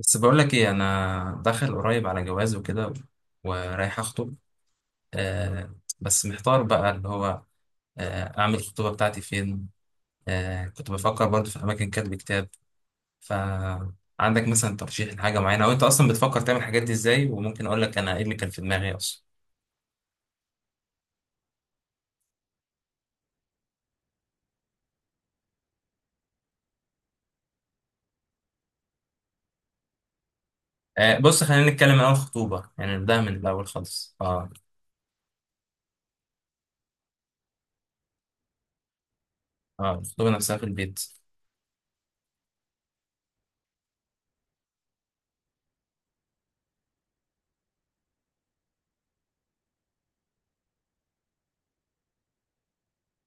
بس بقول لك ايه، انا داخل قريب على جواز وكده ورايح اخطب. بس محتار بقى اللي هو، اعمل الخطوبه بتاعتي فين؟ كنت بفكر برضه في اماكن كاتب كتاب. فعندك مثلا ترشيح لحاجه معينه، او انت اصلا بتفكر تعمل الحاجات دي ازاي؟ وممكن اقول لك انا ايه اللي كان في دماغي اصلا. بص، خلينا نتكلم من اول خطوبه، يعني نبدأها من الاول خالص. اه، اه الخطوبه نفسها في البيت.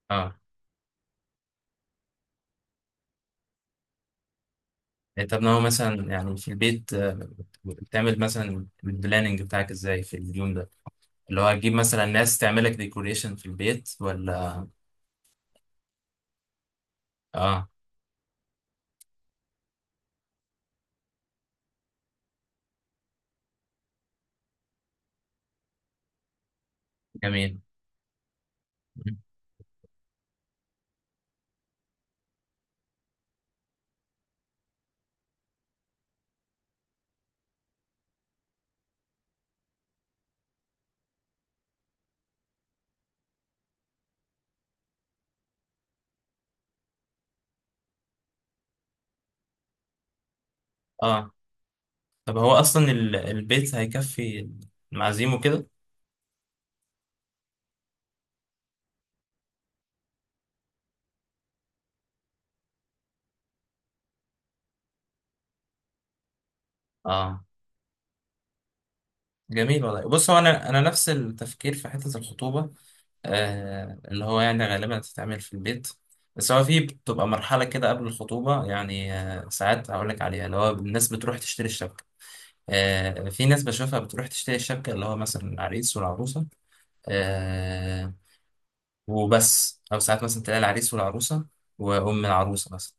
اه، انت بناوي مثلا يعني في البيت، بتعمل مثلا البلاننج بتاعك ازاي في اليوم ده؟ اللي هو هتجيب مثلا ناس تعملك ديكوريشن في البيت ولا؟ اه. جميل. اه، طب هو اصلا البيت هيكفي المعازيم وكده؟ اه. جميل والله. بص، هو انا نفس التفكير في حته الخطوبه. اللي هو يعني غالبا هتتعمل في البيت. بس هو في بتبقى مرحله كده قبل الخطوبه، يعني ساعات هقول لك عليها، اللي هو الناس بتروح تشتري الشبكه. في ناس بشوفها بتروح تشتري الشبكه، اللي هو مثلا العريس والعروسه. آه. وبس، او ساعات مثلا تلاقي العريس والعروسه وام العروسه مثلا،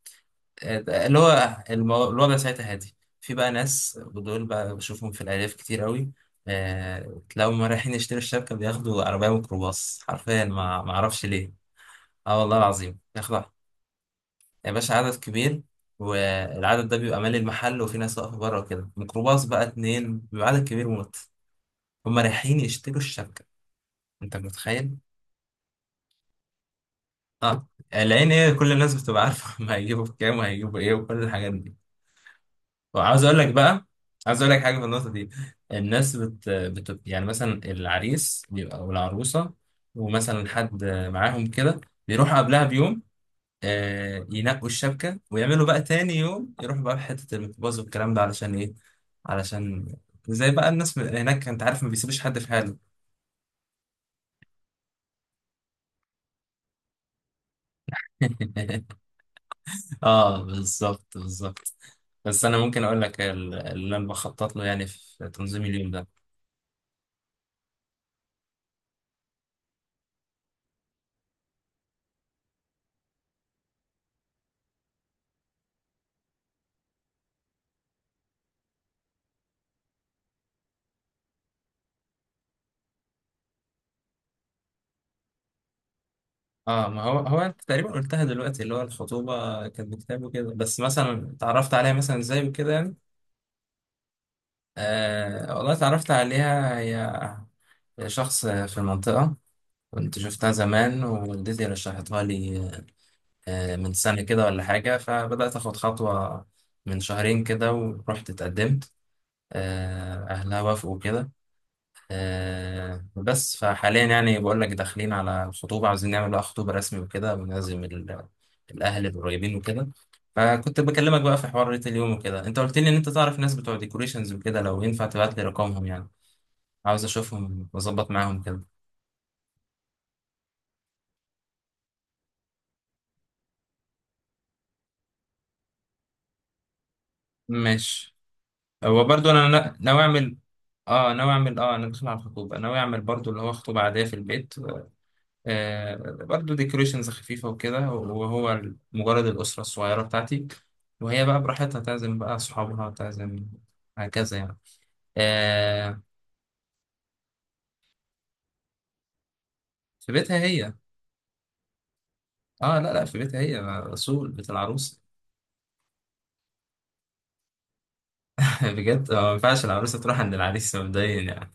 اللي هو الوضع ساعتها هادي. في بقى ناس، ودول بقى بشوفهم في الالياف كتير قوي، تلاقيهم هما رايحين يشتروا الشبكه، بياخدوا عربيه ميكروباص حرفيا. ما اعرفش ليه. اه والله العظيم ياخدوا. يا باشا، عدد كبير. والعدد ده بيبقى مالي المحل، وفي ناس واقفه بره وكده. ميكروباص بقى اتنين، بيبقى عدد كبير موت. هما رايحين يشتروا الشبكه. انت متخيل؟ اه. العين ايه، كل الناس بتبقى عارفه هم هيجيبوا بكام وهيجيبوا ايه وكل الحاجات دي. وعاوز اقول لك بقى، عاوز اقول لك حاجه في النقطه دي. الناس يعني مثلا العريس بيبقى او العروسه، ومثلا حد معاهم كده، بيروحوا قبلها بيوم، ينقوا الشبكه، ويعملوا بقى تاني يوم يروحوا بقى في حته الميكروباص والكلام ده. علشان ايه؟ علشان زي بقى الناس من هناك، انت عارف، ما بيسيبوش حد في حاله. اه، بالظبط بالظبط. بس انا ممكن اقول لك اللي انا بخطط له يعني في تنظيم اليوم ده. اه، ما هو انت تقريبا قلتها دلوقتي، اللي هو الخطوبه كانت بكتاب وكده. بس مثلا اتعرفت عليها مثلا ازاي وكده يعني؟ والله اتعرفت عليها، هي شخص في المنطقه، كنت شفتها زمان ووالدتي رشحتها لي، من سنه كده ولا حاجه. فبدات اخد خطوه من شهرين كده ورحت اتقدمت. اهلها وافقوا كده. بس فحاليا يعني بقول لك داخلين على الخطوبة، عاوزين نعمل بقى خطوبة رسمي وكده، ونعزم الأهل القريبين وكده. فكنت بكلمك بقى في حوار ريت اليوم وكده، أنت قلت لي إن أنت تعرف ناس بتوع ديكوريشنز وكده. لو ينفع تبعت لي رقمهم يعني، عاوز أشوفهم وأظبط معاهم كده. ماشي. هو برضو أنا ناوي أعمل، اه ناوي أعمل، اه أنا داخل على الخطوبة، ناوي أعمل برضو اللي هو خطوبة عادية في البيت، برضو ديكوريشنز خفيفة وكده، وهو مجرد الأسرة الصغيرة بتاعتي. وهي بقى براحتها تعزم بقى صحابها تعزم، هكذا يعني. آه، في بيتها هي. اه، لا لا، في بيتها هي. آه، رسول بيت العروس. بجد، ما ينفعش العروسة تروح عند العريس مبدئيا يعني.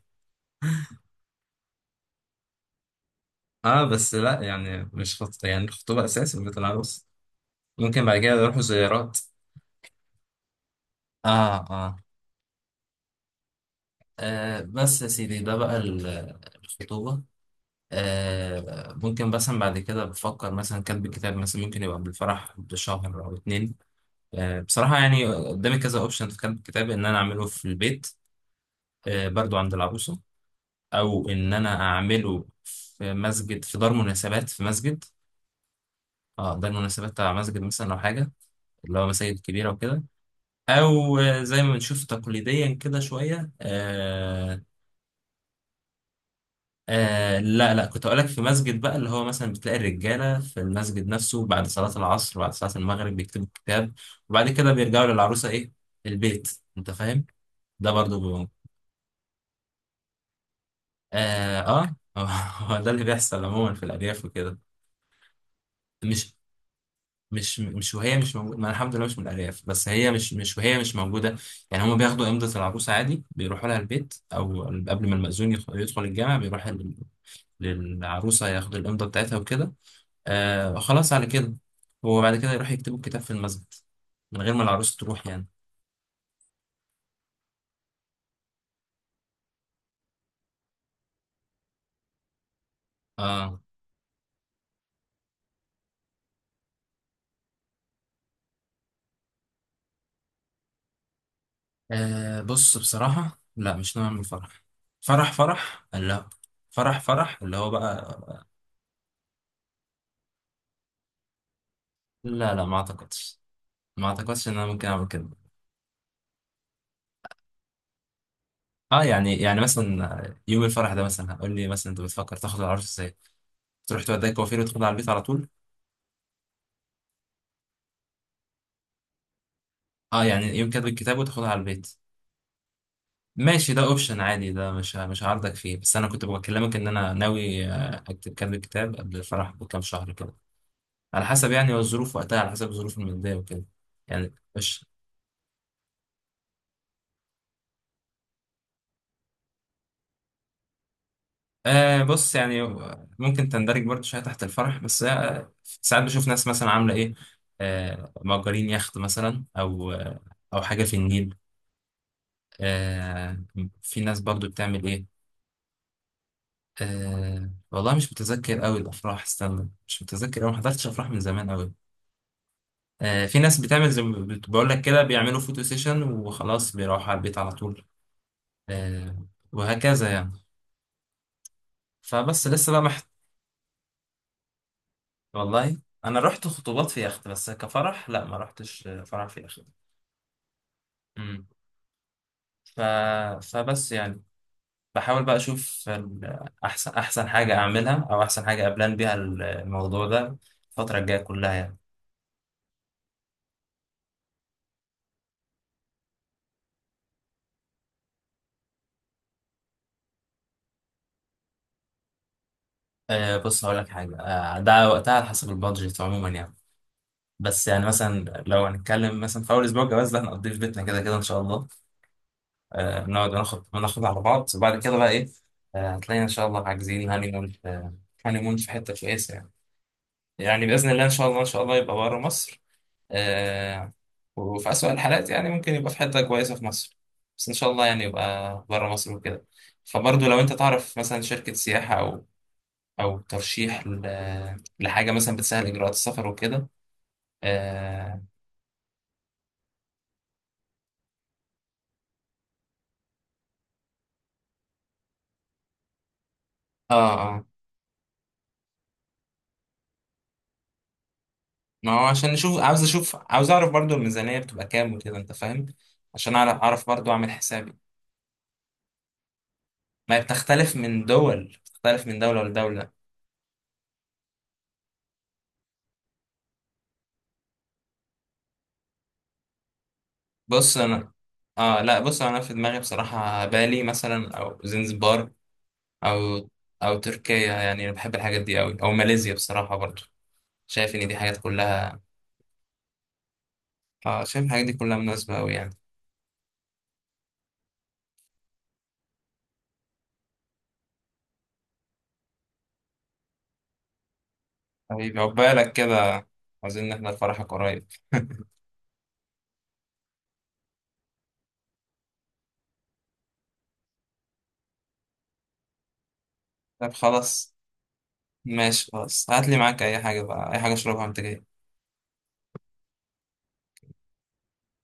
اه، بس لا يعني مش خط، يعني الخطوبة أساس في بيت العروس. ممكن بعد كده يروحوا زيارات. اه. اه، بس يا سيدي ده بقى الخطوبة. آه، ممكن مثلا بعد كده بفكر مثلا كاتب الكتاب مثلا ممكن يبقى بالفرح بشهر او اتنين. بصراحة يعني قدامي كذا اوبشن في كاتب الكتاب، ان انا اعمله في البيت، برضو عند العروسة، او ان انا اعمله في مسجد، في دار مناسبات، في مسجد. اه، دار مناسبات بتاع مسجد مثلا، او حاجة اللي هو مساجد كبيرة وكده. او زي ما بنشوف تقليديا كده شوية. آه، آه لا لا، كنت اقول لك في مسجد بقى، اللي هو مثلا بتلاقي الرجاله في المسجد نفسه بعد صلاه العصر، بعد صلاه المغرب، بيكتبوا الكتاب، وبعد كده بيرجعوا للعروسه، ايه، البيت. انت فاهم؟ ده برضو بيبقى، اه اه. هو ده اللي بيحصل عموما في الارياف وكده. مش مش مش وهي مش موجوده. ما أنا الحمد لله مش من الارياف. بس هي مش مش وهي مش موجوده يعني. هما بياخدوا امضه العروسه عادي، بيروحوا لها البيت، او قبل ما المأذون يدخل الجامع بيروح للعروسه ياخد الامضه بتاعتها وكده. آه، خلاص على كده. هو بعد كده يروح يكتبوا الكتاب في المسجد، من غير ما العروس تروح يعني. اه. آه بص، بصراحة لا، مش نوع من الفرح. فرح فرح لا. فرح فرح اللي هو بقى، لا لا، ما اعتقدش، ما اعتقدش ان انا ممكن اعمل كده. اه يعني، يعني مثلا يوم الفرح ده، مثلا هقول لي مثلا انت بتفكر تاخد العروس ازاي، تروح توديها كوافير وتاخدها على البيت على طول. اه، يعني يوم كاتب الكتاب وتاخدها على البيت. ماشي، ده اوبشن عادي، ده مش هعارضك فيه. بس انا كنت بكلمك ان انا ناوي، اكتب كام كتاب قبل الفرح بكام شهر كده، على حسب يعني الظروف وقتها، على حسب الظروف الماديه وكده. يعني مش، آه بص يعني، ممكن تندرج برضه شويه تحت الفرح بس. آه، ساعات بشوف ناس مثلا عامله ايه، آه مأجرين يخت مثلا، او آه، او حاجه في النيل. آه، في ناس برضه بتعمل ايه، والله مش متذكر قوي الافراح، استنى، مش متذكر أوي، ما حضرتش افراح من زمان قوي. آه، في ناس بتعمل زي ما بقول لك كده، بيعملوا فوتو سيشن وخلاص بيروحوا على البيت على طول. آه، وهكذا يعني. فبس لسه بقى والله انا رحت خطوبات في يخت، بس كفرح لا، ما رحتش آه، فرح في يخت. مم. ف... فبس يعني، بحاول بقى اشوف احسن حاجه اعملها، او احسن حاجه ابلان بيها الموضوع ده الفتره الجايه كلها يعني. أه بص، هقول لك حاجه، ده وقتها على حسب البادجت عموما يعني. بس يعني مثلا لو هنتكلم مثلا في اول اسبوع جواز، ده هنقضيه في بيتنا كده كده ان شاء الله، نقعد ناخد على بعض، وبعد كده بقى ايه، آه هتلاقينا ان شاء الله عاجزين هاني مون في، هاني مون في حته كويسه يعني. يعني باذن الله ان شاء الله، ان شاء الله يبقى بره مصر. آه، وفي اسوأ الحالات يعني ممكن يبقى في حته كويسه في مصر، بس ان شاء الله يعني يبقى بره مصر وكده. فبرضه لو انت تعرف مثلا شركه سياحه، او او ترشيح لحاجه مثلا بتسهل اجراءات السفر وكده. اه اه. آه. ما هو عشان نشوف، عاوز اشوف، عاوز اعرف برضو الميزانية بتبقى كام وكده، انت فاهم؟ عشان اعرف، اعرف برضو اعمل حسابي. ما هي بتختلف من دول، بتختلف من دولة لدولة. بص انا، اه لا، بص انا في دماغي بصراحة بالي مثلا او زنزبار، او او تركيا. يعني انا بحب الحاجات دي قوي، او ماليزيا بصراحة برضو. شايف ان دي حاجات كلها، اه شايف الحاجات دي كلها مناسبة قوي يعني. حبيبي، عقبالك كده، عاوزين نحضر فرحك قريب. طب خلاص، ماشي خلاص، هات لي معاك اي حاجة بقى، اي حاجة اشربها وانت جاي.